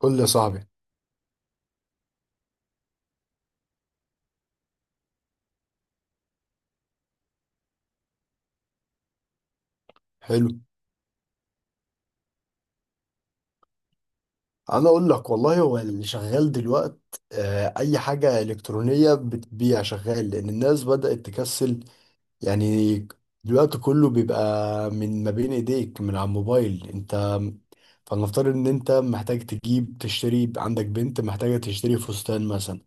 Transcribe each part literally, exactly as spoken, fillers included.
قول لي يا صاحبي. حلو. انا اقول لك والله هو اللي شغال دلوقت. آه، اي حاجه الكترونيه بتبيع شغال لان الناس بدات تكسل. يعني دلوقتي كله بيبقى من ما بين ايديك من على الموبايل انت. فلنفترض ان انت محتاج تجيب تشتري، عندك بنت محتاجه تشتري فستان مثلا.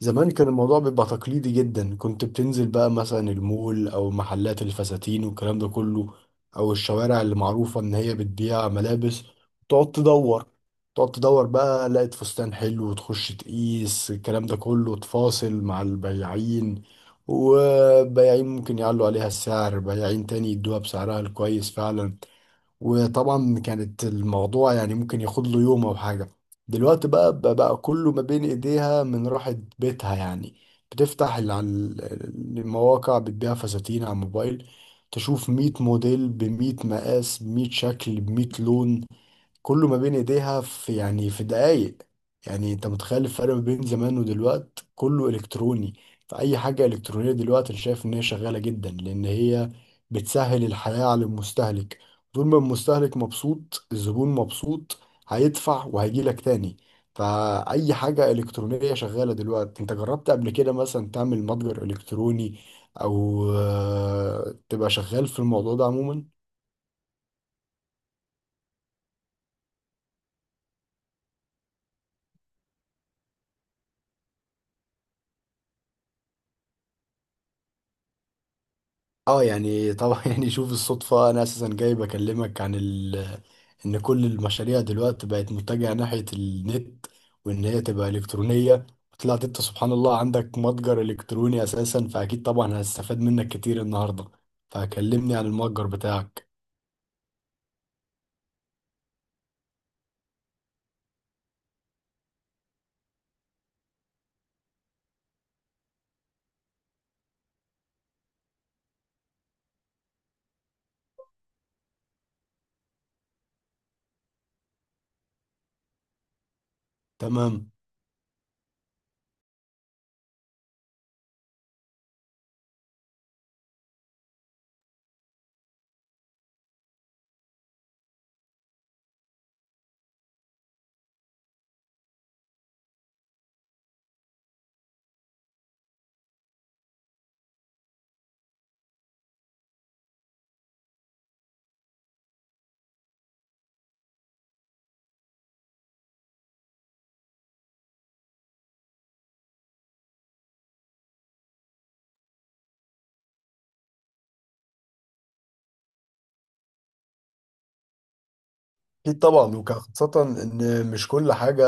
زمان كان الموضوع بيبقى تقليدي جدا، كنت بتنزل بقى مثلا المول او محلات الفساتين والكلام ده كله، او الشوارع اللي معروفة ان هي بتبيع ملابس. تقعد تدور، تقعد تدور بقى لقيت فستان حلو وتخش تقيس الكلام ده كله، تفاصل مع البياعين. وبياعين ممكن يعلوا عليها السعر، بياعين تاني يدوها بسعرها الكويس فعلا. وطبعا كانت الموضوع يعني ممكن ياخد له يوم او حاجه. دلوقتي بقى بقى بقى كله ما بين ايديها من راحه بيتها يعني. بتفتح ال- على ال- المواقع بتبيع فساتين على الموبايل. تشوف مية موديل ب مية مقاس ب مية شكل ب مية لون، كله ما بين ايديها في يعني في دقايق. يعني انت متخيل الفرق ما بين زمان ودلوقت؟ كله الكتروني. فاي حاجه الكترونيه دلوقتي انا شايف ان هي شغاله جدا لان هي بتسهل الحياه على المستهلك. طول ما المستهلك مبسوط، الزبون مبسوط، هيدفع وهيجيلك تاني. فاي حاجه الكترونيه شغاله دلوقتي. انت جربت قبل كده مثلا تعمل متجر الكتروني او آه، تبقى شغال في الموضوع ده عموما؟ اه يعني طبعا يعني شوف الصدفة، انا اساسا جاي بكلمك عن ال... ان كل المشاريع دلوقتي بقت متجهة ناحية النت، وان هي تبقى الكترونية. وطلعت انت سبحان الله عندك متجر الكتروني اساسا، فاكيد طبعا هستفاد منك كتير النهاردة. فكلمني عن المتجر بتاعك. تمام. أكيد طبعا، وكان خاصة إن مش كل حاجة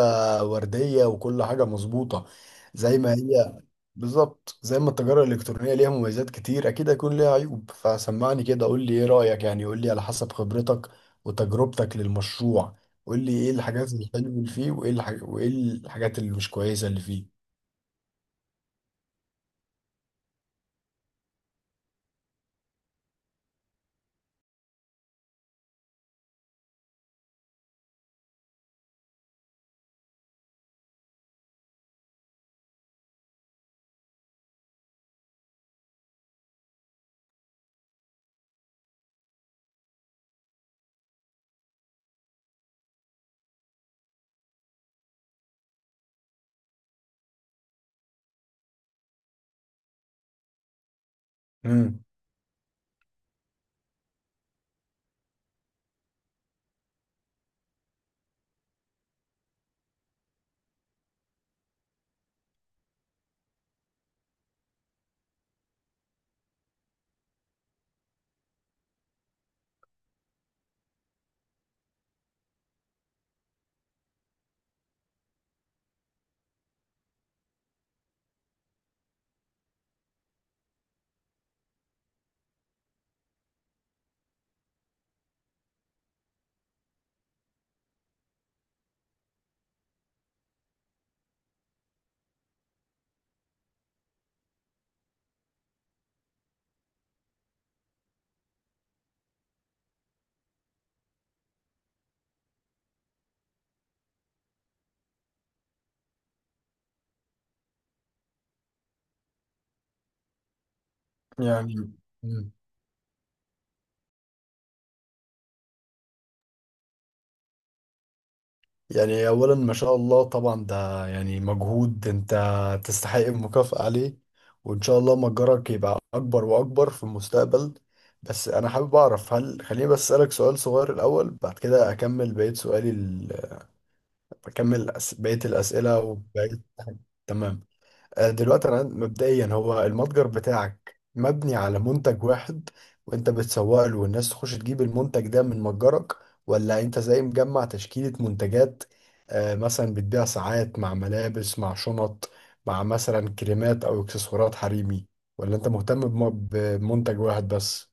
وردية وكل حاجة مظبوطة زي ما هي. بالظبط، زي ما التجارة الإلكترونية ليها مميزات كتير أكيد هيكون ليها عيوب. فسمعني كده، قول لي إيه رأيك، يعني قول لي على حسب خبرتك وتجربتك للمشروع. قول لي إيه الحاجات الحلوة اللي فيه، وإيه الح... وإيه الحاجات اللي مش كويسة اللي فيه. امم. يعني مم. يعني اولا ما شاء الله طبعا ده يعني مجهود انت تستحق المكافأة عليه، وان شاء الله متجرك يبقى اكبر واكبر في المستقبل. بس انا حابب اعرف، هل خليني بس اسالك سؤال صغير الاول بعد كده اكمل بقية سؤالي ال... اكمل أس... بقية الاسئلة وبقية. تمام. آه، دلوقتي انا عند- مبدئيا هو المتجر بتاعك مبني على منتج واحد وانت بتسوق له والناس تخش تجيب المنتج ده من متجرك، ولا انت زي مجمع تشكيلة منتجات؟ آه، مثلا بتبيع ساعات مع ملابس مع شنط مع مثلا كريمات او اكسسوارات حريمي، ولا انت مهتم بم- بمنتج واحد بس؟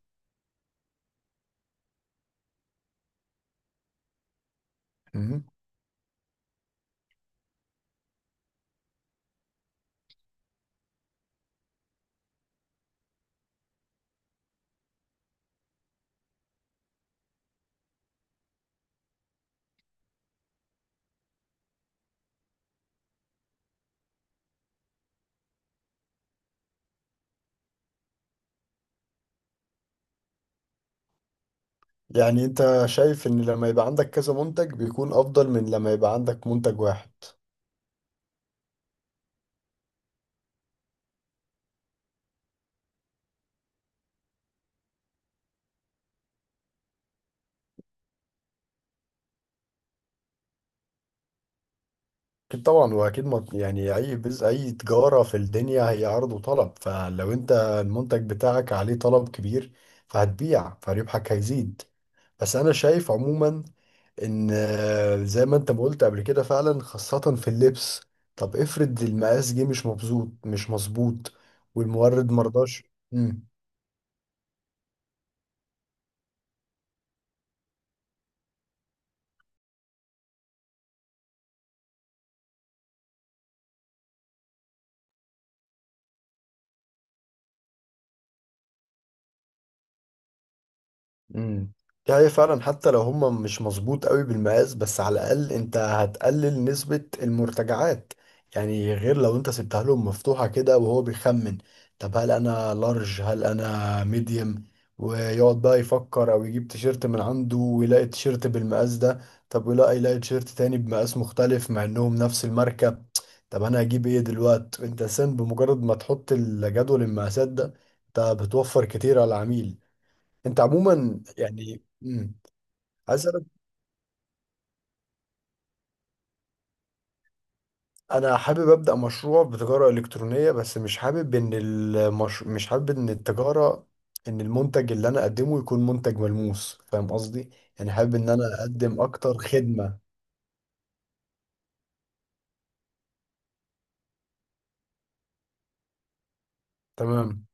مهم. يعني انت شايف ان لما يبقى عندك كذا منتج بيكون افضل من لما يبقى عندك منتج واحد؟ أكيد طبعا، وأكيد ما يعني أي بز أي تجارة في الدنيا هي عرض وطلب، فلو أنت المنتج بتاعك عليه طلب كبير فهتبيع فربحك هيزيد. بس أنا شايف عموما إن آه، زي ما أنت ما قلت قبل كده فعلا، خاصة في اللبس. طب افرض المقاس جه مش مظبوط، مش مظبوط والمورد مرضاش. امم. دي حقيقة فعلا، حتى لو هما مش مظبوط قوي بالمقاس بس على الأقل أنت هتقلل نسبة المرتجعات. يعني غير لو أنت سبتها لهم مفتوحة كده وهو بيخمن، طب هل أنا لارج، هل أنا ميديم، ويقعد بقى يفكر أو يجيب تيشيرت من عنده ويلاقي تيشيرت بالمقاس ده. طب ويلاقي يلاقي تيشيرت تاني بمقاس مختلف مع إنهم نفس الماركة، طب أنا هجيب إيه دلوقت؟ أنت سن بمجرد ما تحط الجدول المقاسات ده أنت بتوفر كتير على العميل. انت عموما يعني مم. عايز اسالك، انا حابب ابدا مشروع بتجاره الكترونيه بس مش حابب ان المش... مش حابب ان التجاره، ان المنتج اللي انا اقدمه يكون منتج ملموس، فاهم قصدي؟ يعني حابب ان انا اقدم اكتر خدمه. تمام.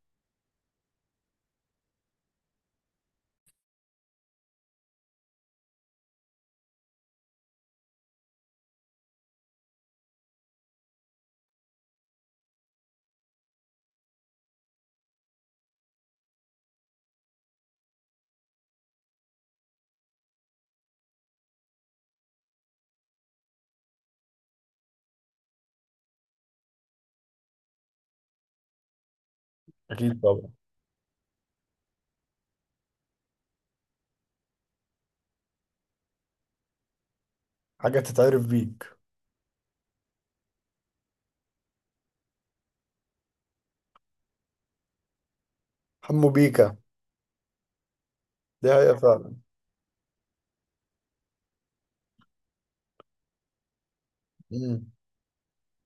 اكيد طبعا. حاجه تتعرف بيك. حمو بيكا. دي هي فعلا. مم.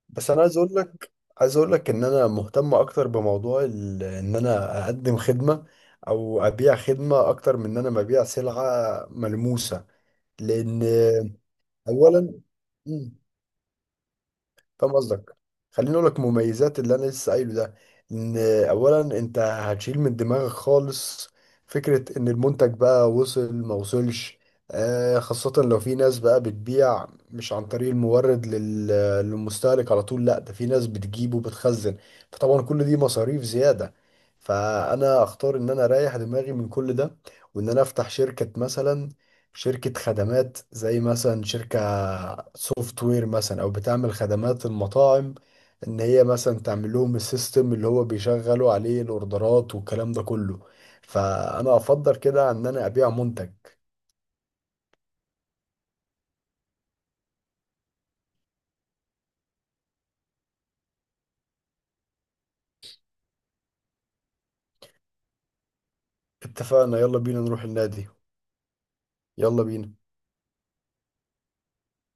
بس انا عايز اقول لك، عايز اقول لك ان انا مهتم اكتر بموضوع ال... ان انا اقدم خدمه او ابيع خدمه اكتر من ان انا ببيع سلعه ملموسه. لان اولا مم، فاهم قصدك. خليني اقول لك مميزات اللي انا لسه قايله ده، ان اولا انت هتشيل من دماغك خالص فكره ان المنتج بقى وصل ما وصلش. آه، خاصه لو في ناس بقى بتبيع مش عن طريق المورد لل- للمستهلك على طول، لا ده في ناس بتجيب وبتخزن، فطبعا كل دي مصاريف زياده. فانا اختار ان انا اريح دماغي من كل ده وان انا افتح شركه مثلا، شركة خدمات زي مثلا شركة سوفت وير مثلا، أو بتعمل خدمات المطاعم، إن هي مثلا تعمل لهم السيستم اللي هو بيشغلوا عليه الأوردرات والكلام ده كله. فأنا أفضل كده عن إن أنا أبيع منتج. اتفقنا، يلا بينا نروح النادي. يلا بينا.